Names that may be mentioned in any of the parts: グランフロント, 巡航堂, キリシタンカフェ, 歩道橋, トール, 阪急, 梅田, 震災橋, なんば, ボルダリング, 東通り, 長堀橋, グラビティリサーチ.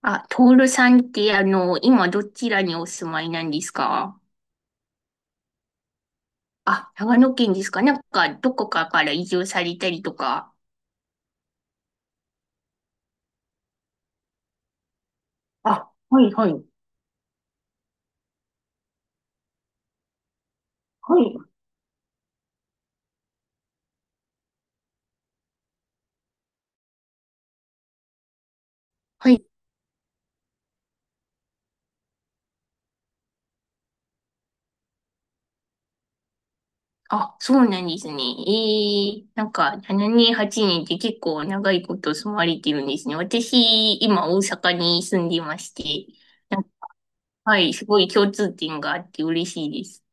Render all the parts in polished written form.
あ、トールさんって、今どちらにお住まいなんですか？あ、長野県ですか。なんか、どこかから移住されたりとか。あ、はい、はい、はい、はい。あ、そうなんですね。ええ、なんか、7年、8年って結構長いこと住まれてるんですね。私、今、大阪に住んでまして、なんかはい、すごい共通点があって嬉しいです。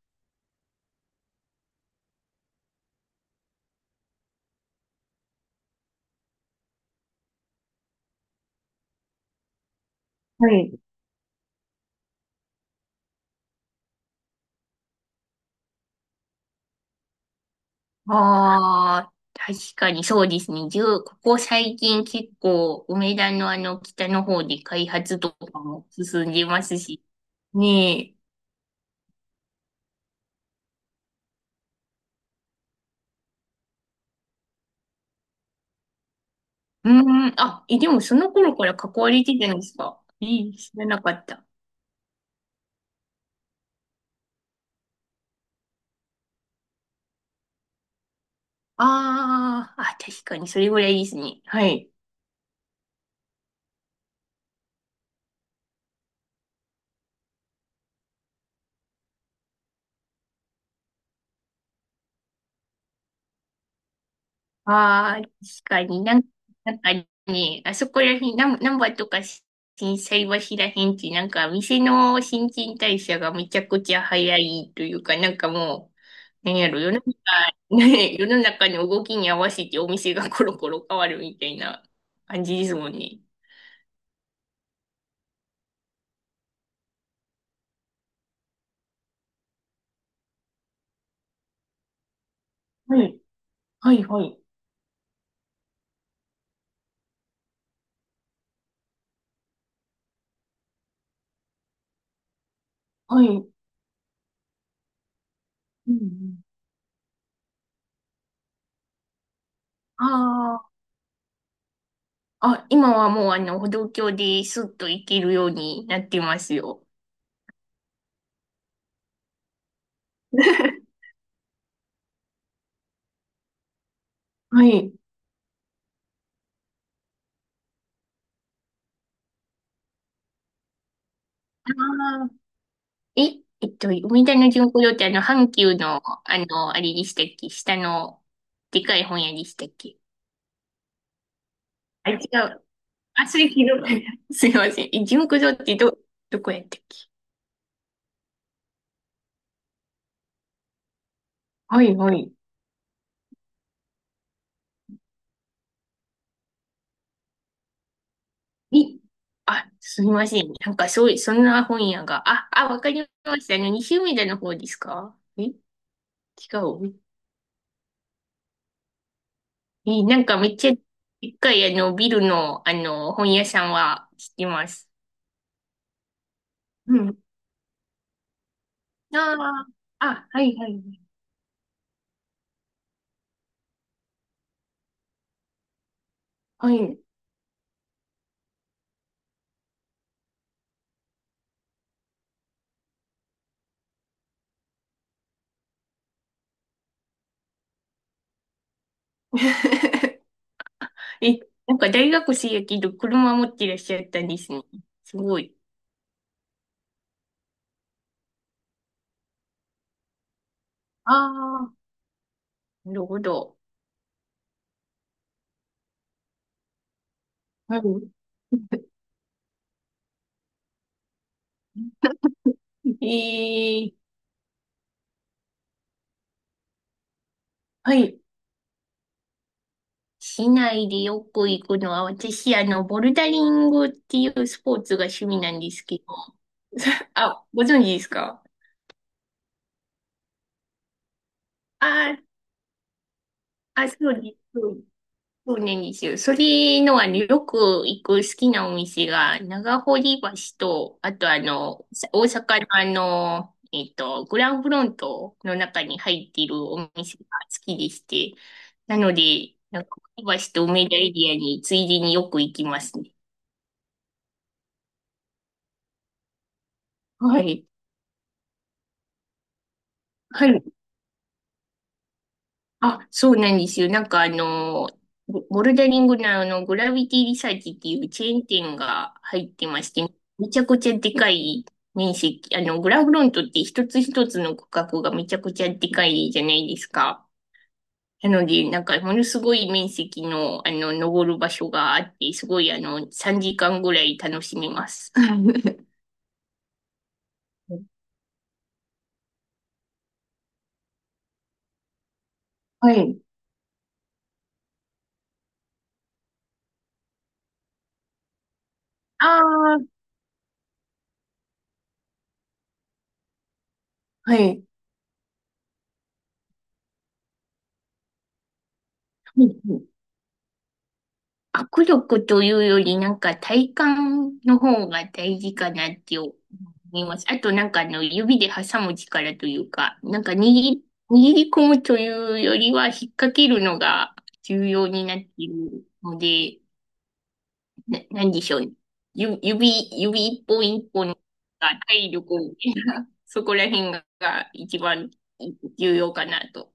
ああ、確かにそうですね。じゅうここ最近結構、梅田のあの北の方で開発とかも進んでますし。ねえ。うーん、あ、え、でもその頃から関われてたんですか？いい、知らなかった。ああ、あ、確かにそれぐらいですね。はい。ああ、確かになんか、なんかね、あそこら辺、なんばとか震災橋ら辺って、なんか店の新陳代謝がめちゃくちゃ早いというか、なんかもう、なんやろ、世の中、ね、世の中の動きに合わせてお店がコロコロ変わるみたいな感じですもんね。はい、はい、はい、はい。うんうん、ああ、あ、今はもうあの、歩道橋でスッと行けるようになってますよ。はい。え、えっと、梅田の巡航堂ってあの、阪急の、あの、あれでしたっけ？下の、でかい本屋でしたっけ？あ、違う。あ、それ昨日。すいません。え、巡航堂ってど、どこやったっけ？はいはい。え、あ、すみません。なんかそういう、そんな本屋が。あ、あ、わかりました。あの、西梅田の方ですか？え、違う。え、なんかめっちゃ、でっかいあの、ビルの、あの、本屋さんは知ってます。うん。ああ、あ、はいはい。はい。え、なんか大学生やけど車持ってらっしゃったんですね。すごい。ああ、なるほど。はい。えー、はい。市内でよく行くのは、私、あの、ボルダリングっていうスポーツが趣味なんですけど。あ、ご存知ですか？あー、あ、そうです。そうなんですよ。それの、あの、よく行く好きなお店が、長堀橋と、あとあの、さ大阪のあの、えっと、グランフロントの中に入っているお店が好きでして、なので、長堀橋と梅田エリアについでによく行きますね。はい。はい。あ、そうなんですよ。なんかあの、ボルダリングのあの、グラビティリサーチっていうチェーン店が入ってまして、めちゃくちゃでかい面積、あの、グラフロントって一つ一つの区画がめちゃくちゃでかいじゃないですか。なので、なんかものすごい面積の、あの、登る場所があって、すごいあの、3時間ぐらい楽しみます。はい。ああ、はい。握力というより、なんか体幹の方が大事かなって思います。あとなんかあの指で挟む力というか、なんか握り、握り込むというよりは引っ掛けるのが重要になっているので、なんでしょうね。ゆ指、指一本一本が体力をね、そこら辺が一番重要かなと。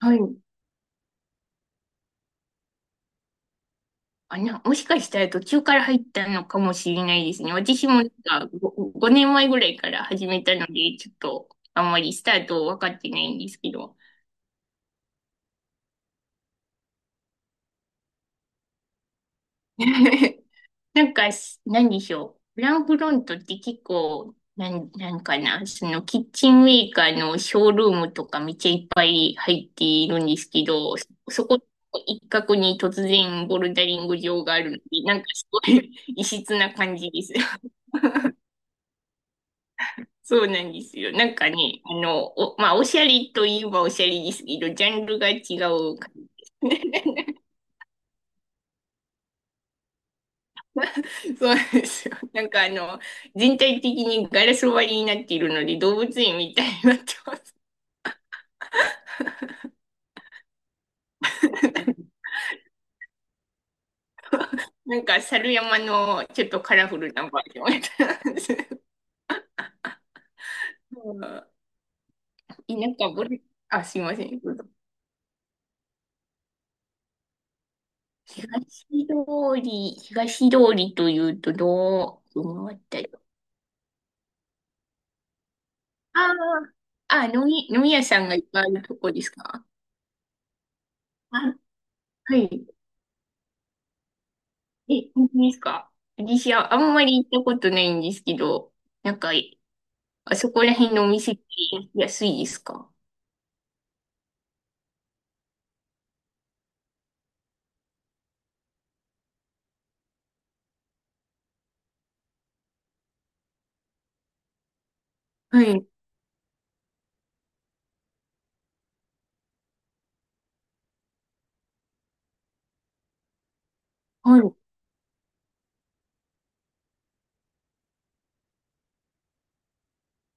はい。あ、な、もしかしたら途中から入ったのかもしれないですね。私もなんかご5、年前ぐらいから始めたので、ちょっとあんまりスタート分かってないんですけど。なんか、す何でしょう。フランクフロントって結構、なん、なんかな、そのキッチンメーカーのショールームとかめっちゃいっぱい入っているんですけど、そこ一角に突然ボルダリング場があるので、なんかすごい 異質な感じです。そうなんですよ。なんかね、あの、お、まあ、おしゃれといえばおしゃれですけど、ジャンルが違うから。そうなんですよ。なんかあの、全体的にガラス割りになっているので、動物園みたいになってます。なんか、猿山のちょっとカラフルなバージョンみたいなんです。うん、田舎ぶり、あ、すいません。どうぞ。東通り、東通りというと、どう、どのあたり？ああ、あ、飲み、飲み屋さんがいっぱいあるとこですか？あ、はい。え、本当ですか？私はあんまり行ったことないんですけど、なんか、あそこら辺のお店って安いですか？はい。は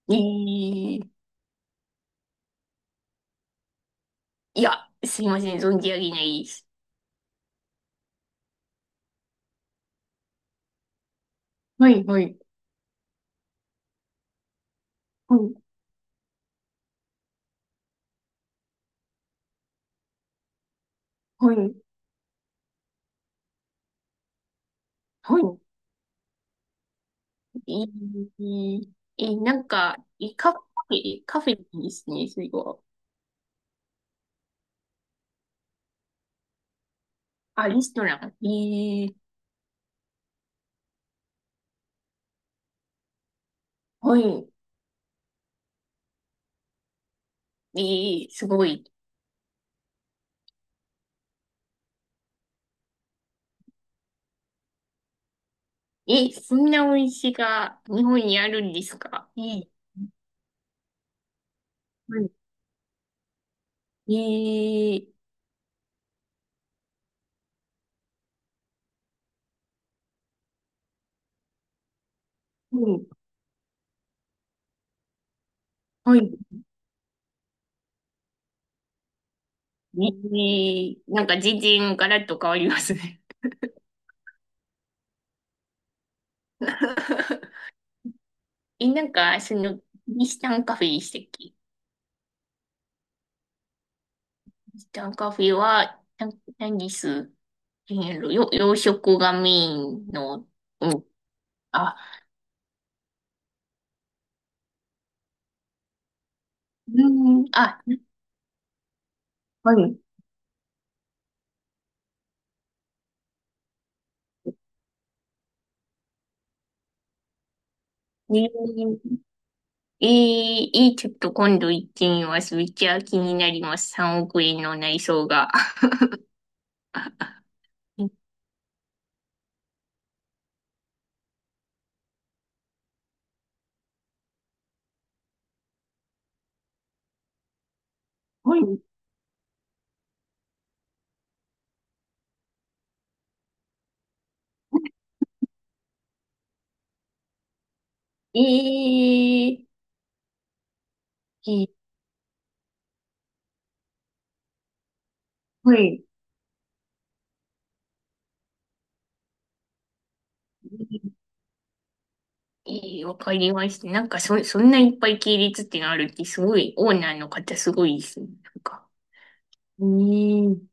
い。えー、いや、すいません、存じ上げないです。はい、はい。はい、はい、はい。えー、え、なんか、え、カフェですね、それは。あ、レストラン。えー、はい。えー、すごい。え、そんなお店が日本にあるんですか？えー、はい、ええ、うん。はい。ね、えーなんか全然ガラッと変わりますね。え、なんか、その、キリシタンカフェでしたっけ？キリシタンカフェは、何です、えー、よ、洋食がメインの、あ、うん、あ、はい。ね、ええー、えーちょっと今度行ってみます。めっちゃ気になります。3億円の内装が。はい。えー、えーはい。ええ、わかりました。なんかそ、そんないっぱい系列ってのあるって、すごい、オーナーの方すごいですね。なんか。うん。